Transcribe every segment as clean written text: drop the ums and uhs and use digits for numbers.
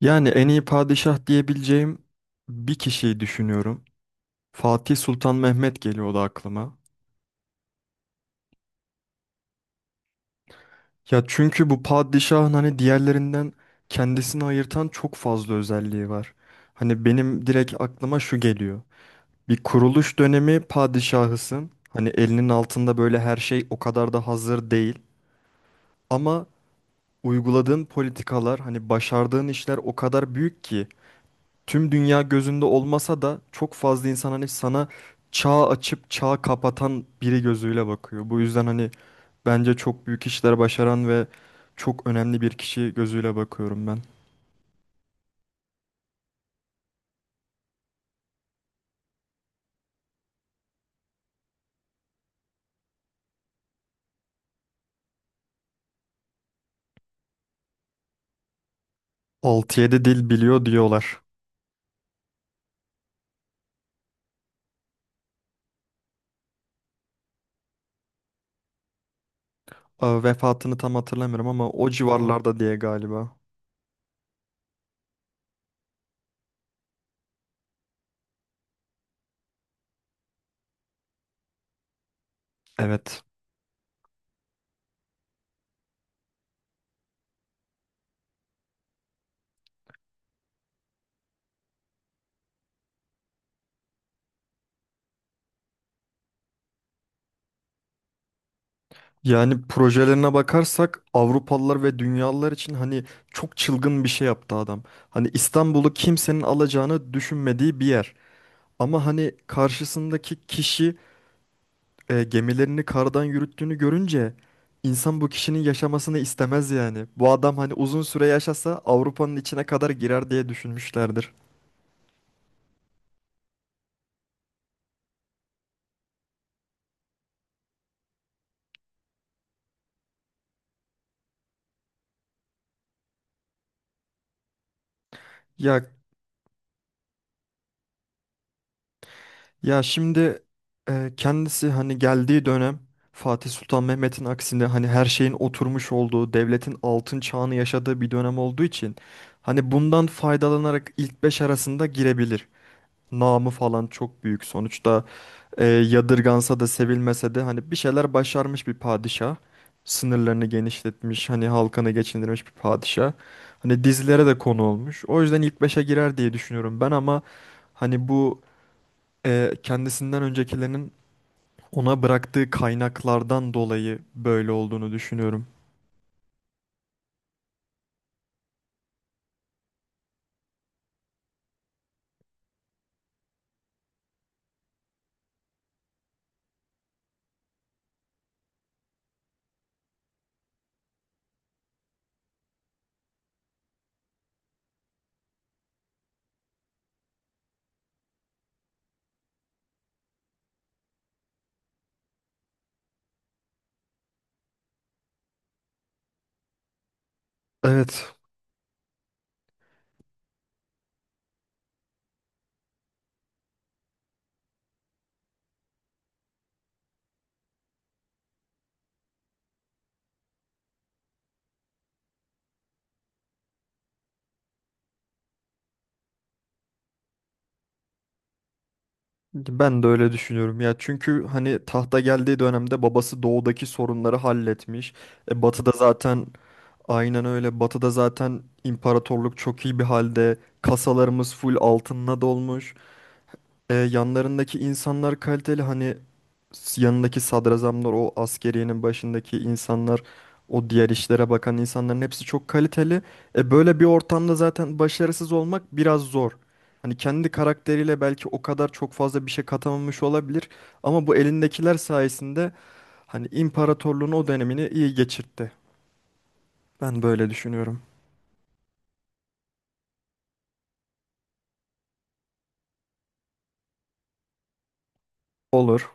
Yani en iyi padişah diyebileceğim bir kişiyi düşünüyorum. Fatih Sultan Mehmet geliyordu aklıma. Ya çünkü bu padişahın hani diğerlerinden kendisini ayırtan çok fazla özelliği var. Hani benim direkt aklıma şu geliyor. Bir kuruluş dönemi padişahısın. Hani elinin altında böyle her şey o kadar da hazır değil. Ama uyguladığın politikalar, hani başardığın işler o kadar büyük ki tüm dünya gözünde olmasa da çok fazla insan hani sana çağ açıp çağ kapatan biri gözüyle bakıyor. Bu yüzden hani bence çok büyük işler başaran ve çok önemli bir kişi gözüyle bakıyorum ben. Altı yedi dil biliyor diyorlar. Aa, vefatını tam hatırlamıyorum ama o civarlarda diye galiba. Evet. Yani projelerine bakarsak Avrupalılar ve dünyalılar için hani çok çılgın bir şey yaptı adam. Hani İstanbul'u kimsenin alacağını düşünmediği bir yer. Ama hani karşısındaki kişi gemilerini kardan yürüttüğünü görünce insan bu kişinin yaşamasını istemez yani. Bu adam hani uzun süre yaşasa Avrupa'nın içine kadar girer diye düşünmüşlerdir. Ya ya şimdi kendisi hani geldiği dönem Fatih Sultan Mehmet'in aksine hani her şeyin oturmuş olduğu, devletin altın çağını yaşadığı bir dönem olduğu için hani bundan faydalanarak ilk beş arasında girebilir. Namı falan çok büyük. Sonuçta yadırgansa da sevilmese de hani bir şeyler başarmış bir padişah. Sınırlarını genişletmiş, hani halkını geçindirmiş bir padişah. Hani dizilere de konu olmuş. O yüzden ilk beşe girer diye düşünüyorum ben ama hani bu kendisinden öncekilerin ona bıraktığı kaynaklardan dolayı böyle olduğunu düşünüyorum. Evet. Ben de öyle düşünüyorum ya çünkü hani tahta geldiği dönemde babası doğudaki sorunları halletmiş. Batıda zaten aynen öyle. Batı'da zaten imparatorluk çok iyi bir halde. Kasalarımız full altınla dolmuş. Yanlarındaki insanlar kaliteli. Hani yanındaki sadrazamlar, o askeriyenin başındaki insanlar, o diğer işlere bakan insanların hepsi çok kaliteli. Böyle bir ortamda zaten başarısız olmak biraz zor. Hani kendi karakteriyle belki o kadar çok fazla bir şey katamamış olabilir. Ama bu elindekiler sayesinde hani imparatorluğun o dönemini iyi geçirtti. Ben böyle düşünüyorum. Olur.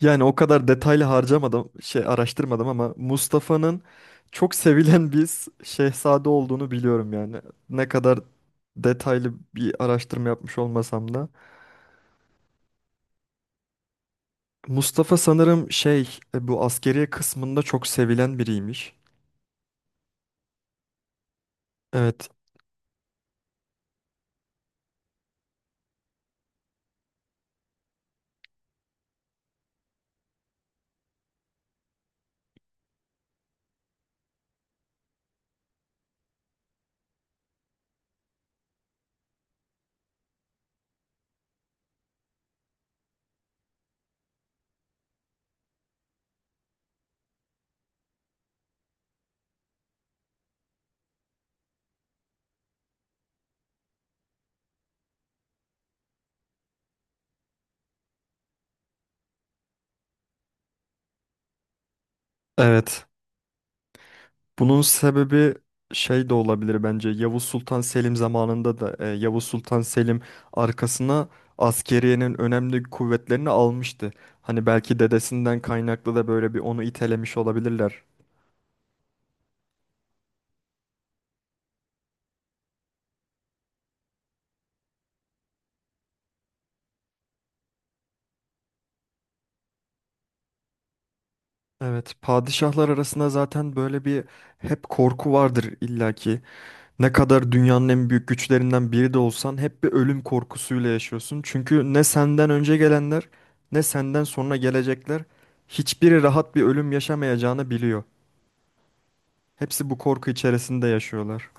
Yani o kadar detaylı harcamadım, şey araştırmadım ama Mustafa'nın çok sevilen bir şehzade olduğunu biliyorum yani. Ne kadar detaylı bir araştırma yapmış olmasam da. Mustafa sanırım şey bu askeriye kısmında çok sevilen biriymiş. Evet, evet. Bunun sebebi şey de olabilir bence. Yavuz Sultan Selim zamanında da Yavuz Sultan Selim arkasına askeriyenin önemli kuvvetlerini almıştı. Hani belki dedesinden kaynaklı da böyle bir onu itelemiş olabilirler. Evet, padişahlar arasında zaten böyle bir hep korku vardır illaki. Ne kadar dünyanın en büyük güçlerinden biri de olsan hep bir ölüm korkusuyla yaşıyorsun. Çünkü ne senden önce gelenler ne senden sonra gelecekler hiçbiri rahat bir ölüm yaşamayacağını biliyor. Hepsi bu korku içerisinde yaşıyorlar.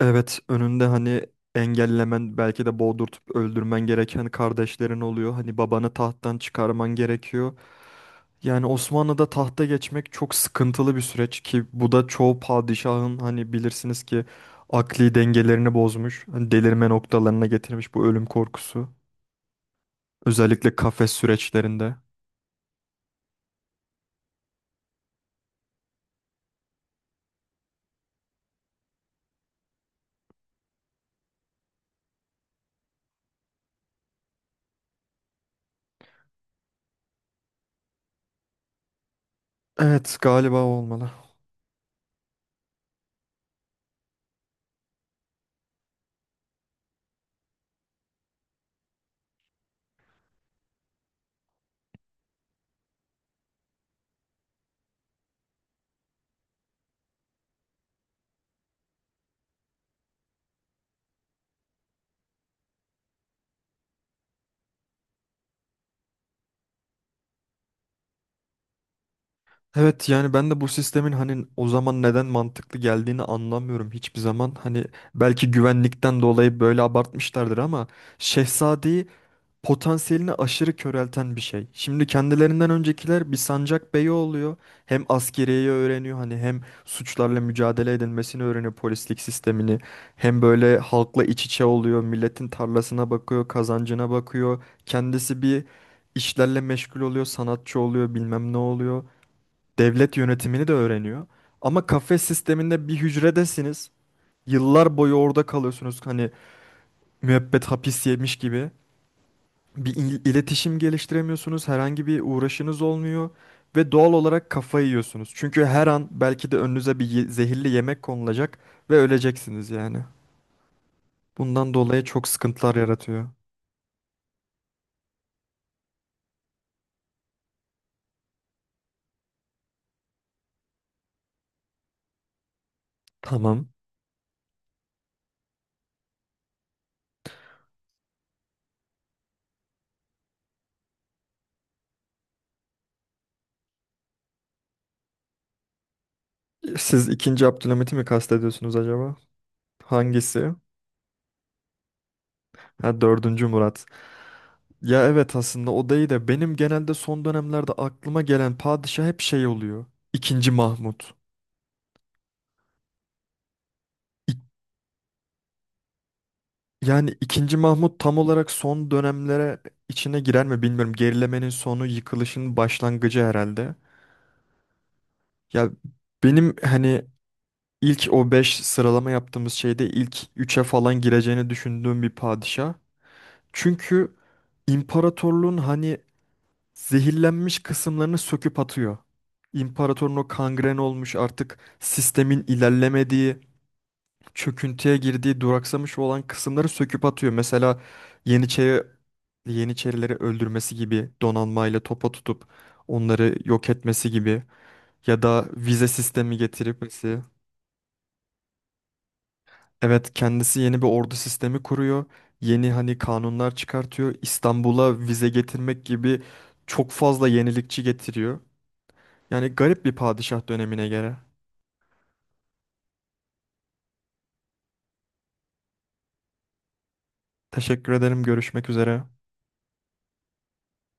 Evet, önünde hani engellemen belki de boğdurtup öldürmen gereken kardeşlerin oluyor. Hani babanı tahttan çıkarman gerekiyor. Yani Osmanlı'da tahta geçmek çok sıkıntılı bir süreç ki bu da çoğu padişahın hani bilirsiniz ki akli dengelerini bozmuş. Hani delirme noktalarına getirmiş bu ölüm korkusu. Özellikle kafes süreçlerinde. Evet, galiba o olmalı. Evet yani ben de bu sistemin hani o zaman neden mantıklı geldiğini anlamıyorum hiçbir zaman. Hani belki güvenlikten dolayı böyle abartmışlardır ama Şehzade'yi potansiyelini aşırı körelten bir şey. Şimdi kendilerinden öncekiler bir sancak beyi oluyor. Hem askeriyeyi öğreniyor hani hem suçlarla mücadele edilmesini öğreniyor polislik sistemini. Hem böyle halkla iç içe oluyor. Milletin tarlasına bakıyor, kazancına bakıyor. Kendisi bir işlerle meşgul oluyor, sanatçı oluyor, bilmem ne oluyor devlet yönetimini de öğreniyor. Ama kafes sisteminde bir hücredesiniz. Yıllar boyu orada kalıyorsunuz. Hani müebbet hapis yemiş gibi. Bir iletişim geliştiremiyorsunuz. Herhangi bir uğraşınız olmuyor. Ve doğal olarak kafayı yiyorsunuz. Çünkü her an belki de önünüze bir zehirli yemek konulacak ve öleceksiniz yani. Bundan dolayı çok sıkıntılar yaratıyor. Tamam. Siz ikinci Abdülhamit'i mi kastediyorsunuz acaba? Hangisi? Ha, dördüncü Murat. Ya evet aslında o değil de benim genelde son dönemlerde aklıma gelen padişah hep şey oluyor. İkinci Mahmut. İk- Yani ikinci Mahmut tam olarak son dönemlere içine girer mi bilmiyorum. Gerilemenin sonu, yıkılışın başlangıcı herhalde. Ya benim hani ilk o 5 sıralama yaptığımız şeyde ilk üçe falan gireceğini düşündüğüm bir padişah. Çünkü imparatorluğun hani zehirlenmiş kısımlarını söküp atıyor. İmparatorun o kangren olmuş artık sistemin ilerlemediği, çöküntüye girdiği, duraksamış olan kısımları söküp atıyor. Mesela Yeniçeri, Yeniçerileri öldürmesi gibi donanmayla topa tutup onları yok etmesi gibi ya da vize sistemi getirmesi. Evet, kendisi yeni bir ordu sistemi kuruyor. Yeni hani kanunlar çıkartıyor. İstanbul'a vize getirmek gibi çok fazla yenilikçi getiriyor. Yani garip bir padişah dönemine göre. Teşekkür ederim. Görüşmek üzere.